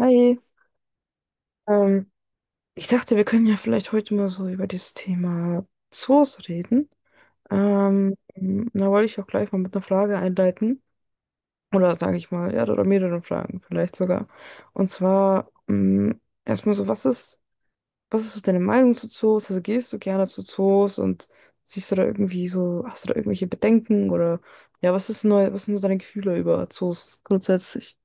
Hi. Ähm, Ich dachte, wir können ja vielleicht heute mal so über das Thema Zoos reden. Ähm, Da wollte ich auch gleich mal mit einer Frage einleiten. Oder sage ich mal, ja, oder mehreren Fragen vielleicht sogar. Und zwar erstmal so, was ist so deine Meinung zu Zoos? Also gehst du gerne zu Zoos und siehst du da irgendwie so, hast du da irgendwelche Bedenken oder ja, was ist neu, was sind so deine Gefühle über Zoos grundsätzlich?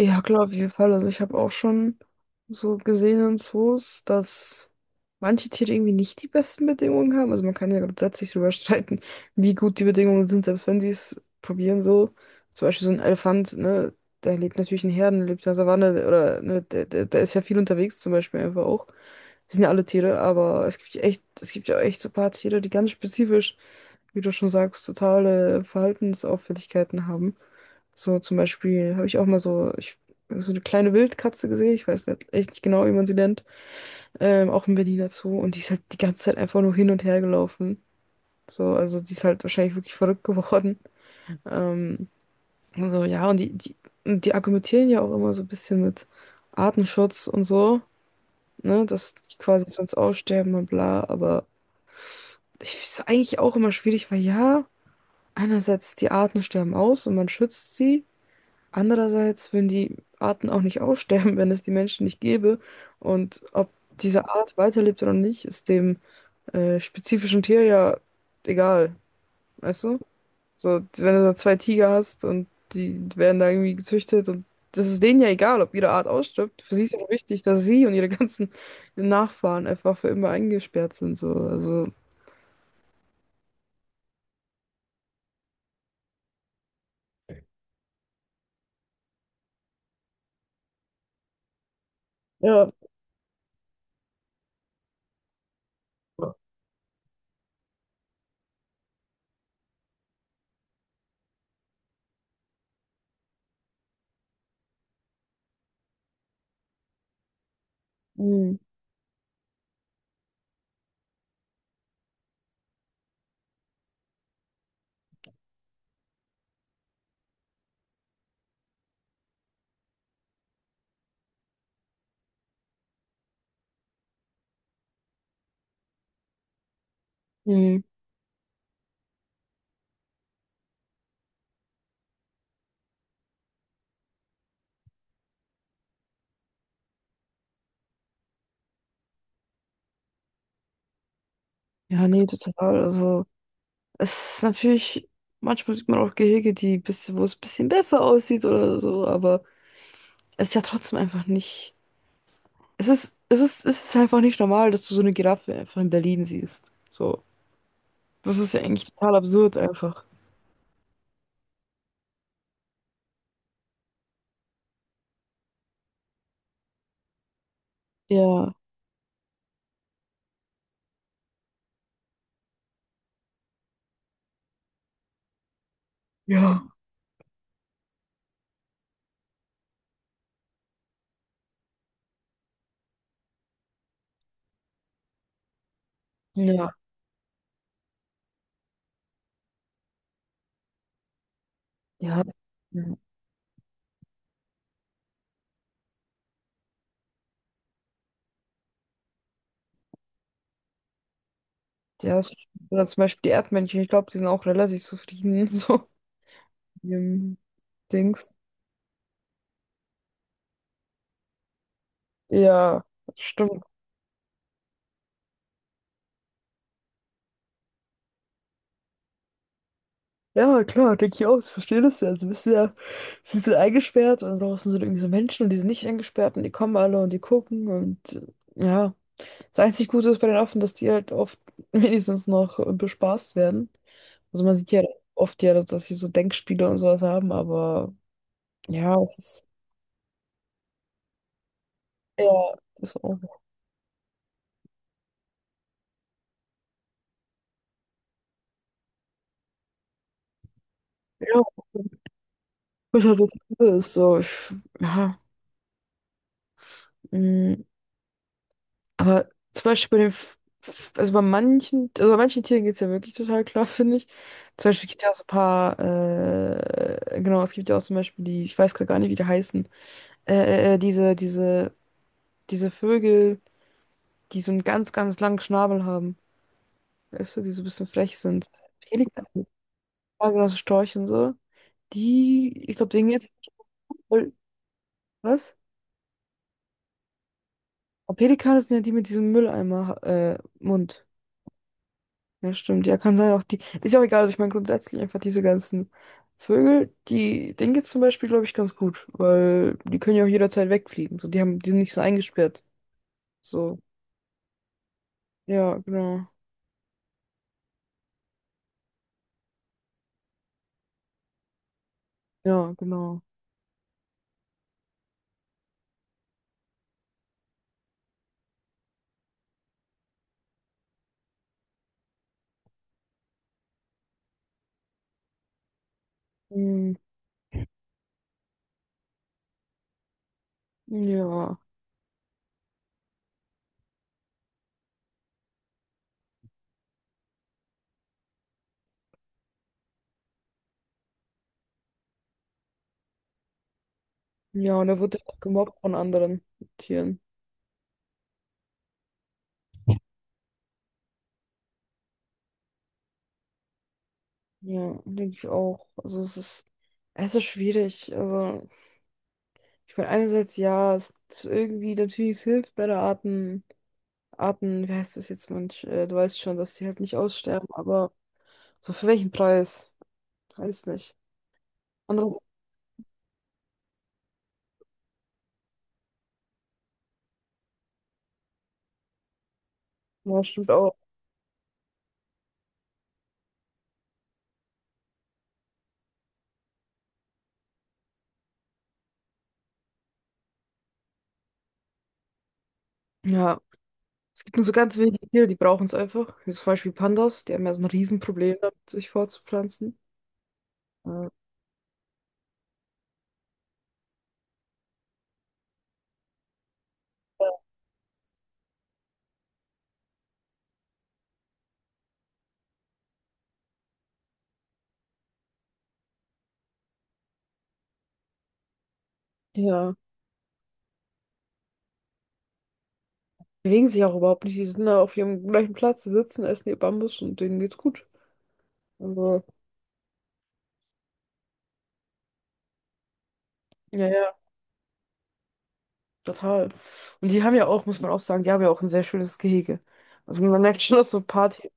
Ja, klar, auf jeden Fall. Also ich habe auch schon so gesehen in Zoos, dass manche Tiere irgendwie nicht die besten Bedingungen haben. Also man kann ja grundsätzlich darüber streiten, wie gut die Bedingungen sind, selbst wenn sie es probieren so. Zum Beispiel so ein Elefant, ne, der lebt natürlich in Herden, lebt in der Savanne oder ne, der ist ja viel unterwegs zum Beispiel einfach auch. Das sind ja alle Tiere, aber es gibt ja echt so ein paar Tiere, die ganz spezifisch, wie du schon sagst, totale Verhaltensauffälligkeiten haben. So zum Beispiel habe ich auch mal so, so eine kleine Wildkatze gesehen. Ich weiß nicht, echt nicht genau, wie man sie nennt. Auch im Berliner Zoo. Und die ist halt die ganze Zeit einfach nur hin und her gelaufen. So, also die ist halt wahrscheinlich wirklich verrückt geworden. Ähm, also ja, und und die argumentieren ja auch immer so ein bisschen mit Artenschutz und so, ne, dass die quasi sonst aussterben und bla. Aber ich ist eigentlich auch immer schwierig, weil ja, einerseits die Arten sterben aus und man schützt sie. Andererseits würden die Arten auch nicht aussterben, wenn es die Menschen nicht gäbe. Und ob diese Art weiterlebt oder nicht, ist dem spezifischen Tier ja egal. Weißt du? So, wenn du da zwei Tiger hast und die werden da irgendwie gezüchtet und das ist denen ja egal, ob ihre Art ausstirbt. Für sie ist ja wichtig, dass sie und ihre ganzen Nachfahren einfach für immer eingesperrt sind. So. Also, ja. Mhm. Mhm. Ja, nee, total. Also, es ist natürlich, manchmal sieht man auch Gehege, die bisschen, wo es ein bisschen besser aussieht oder so, aber es ist ja trotzdem einfach nicht. Es ist einfach nicht normal, dass du so eine Giraffe einfach in Berlin siehst. So. Das ist ja eigentlich total absurd einfach. Ja. Ja. Ja. Ja. Ja. Ja, das- oder zum Beispiel die Erdmännchen, ich glaube, die sind auch relativ zufrieden, so mit ihrem Dings. Ja, stimmt. Ja, klar, denke ich auch. Ich verstehe das ja. Also, bist du ja, sie sind eingesperrt und draußen sind irgendwie so Menschen und die sind nicht eingesperrt und die kommen alle und die gucken und ja. Das einzig Gute ist bei den Affen, dass die halt oft wenigstens noch bespaßt werden. Also, man sieht ja oft ja, dass sie so Denkspiele und sowas haben, aber ja, es ist ja, das ist auch, ja, was halt das Gute ist, so, ich, ja, mm. Aber zum Beispiel bei also bei also bei manchen Tieren geht es ja wirklich total klar, finde ich. Zum Beispiel gibt es ja auch so ein paar, genau, es gibt ja auch zum Beispiel die, ich weiß gerade gar nicht, wie die heißen, äh, äh, äh, diese, diese, diese Vögel, die so einen ganz, ganz langen Schnabel haben, weißt du, die so ein bisschen frech sind. Pelikan, ja, genau, so Storche und so. Die, ich glaube, denen jetzt, was? Aber Pelikane sind ja die mit diesem Mülleimer, Mund. Ja, stimmt. Ja, kann sein. Auch die. Ist ja auch egal. Also ich meine grundsätzlich einfach diese ganzen Vögel, die, denen geht's zum Beispiel, glaube ich, ganz gut. Weil die können ja auch jederzeit wegfliegen. So, die haben, die sind nicht so eingesperrt. So. Ja, genau. Ja, genau. Hm, ja. Ja, und er wird ja auch gemobbt von anderen Tieren. Ja, denke ich auch. Also es ist schwierig. Also, ich meine, einerseits ja, es ist irgendwie natürlich, es hilft bei der Arten, Arten, wie heißt das jetzt manch, du weißt schon, dass sie halt nicht aussterben, aber so für welchen Preis? Weiß nicht. Anderes, ja, stimmt auch. Ja. Es gibt nur so ganz wenige Tiere, die brauchen es einfach. Wie zum Beispiel Pandas, die haben ja so ein Riesenproblem damit, sich fortzupflanzen. Ja. Ja. Bewegen sich auch überhaupt nicht. Die sind da auf ihrem gleichen Platz, die sitzen, essen ihr Bambus und denen geht's gut. Also, ja, ja, total. Und die haben ja auch, muss man auch sagen, die haben ja auch ein sehr schönes Gehege. Also man merkt schon, dass so Party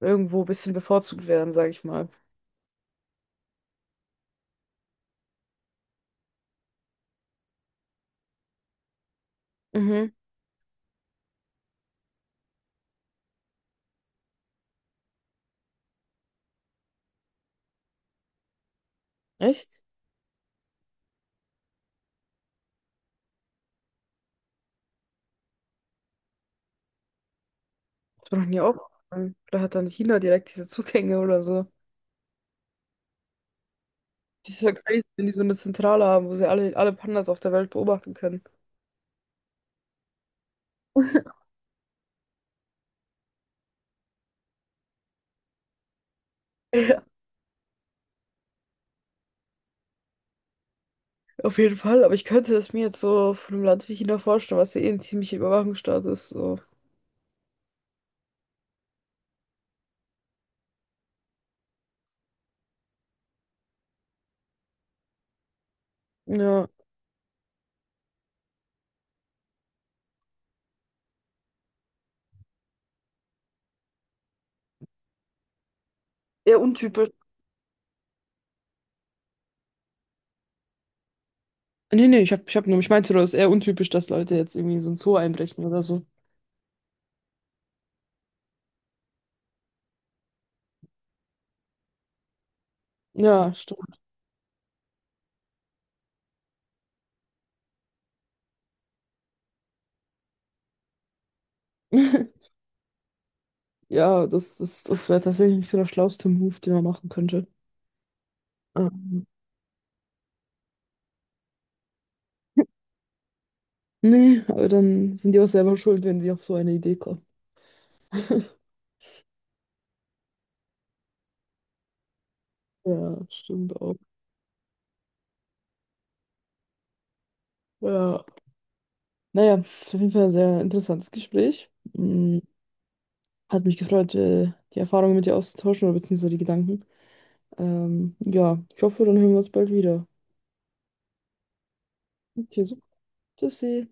irgendwo ein bisschen bevorzugt werden, sag ich mal. Mhm. Echt? Das war noch nie. Vielleicht hat dann China direkt diese Zugänge oder so. Das ist ja crazy, wenn die so eine Zentrale haben, wo sie alle Pandas auf der Welt beobachten können. Ja, auf jeden Fall. Aber ich könnte es mir jetzt so von einem Land wie China vorstellen, was ja eh ein ziemlicher Überwachungsstaat ist. So. Ja. Eher untypisch. Nee, ich hab nur, ich meinte nur, es ist eher untypisch, dass Leute jetzt irgendwie so ein Zoo einbrechen oder so. Ja, stimmt. Ja, das wäre tatsächlich so der schlauste Move, den man machen könnte. Ähm, Nee, aber dann sind die auch selber schuld, wenn sie auf so eine Idee kommen. Ja, stimmt auch. Ja. Naja, ist auf jeden Fall ein sehr interessantes Gespräch. Mm, hat mich gefreut, die Erfahrungen mit dir auszutauschen oder beziehungsweise die Gedanken. Ja, ich hoffe, dann hören wir uns bald wieder. Okay, so. Tschüssi.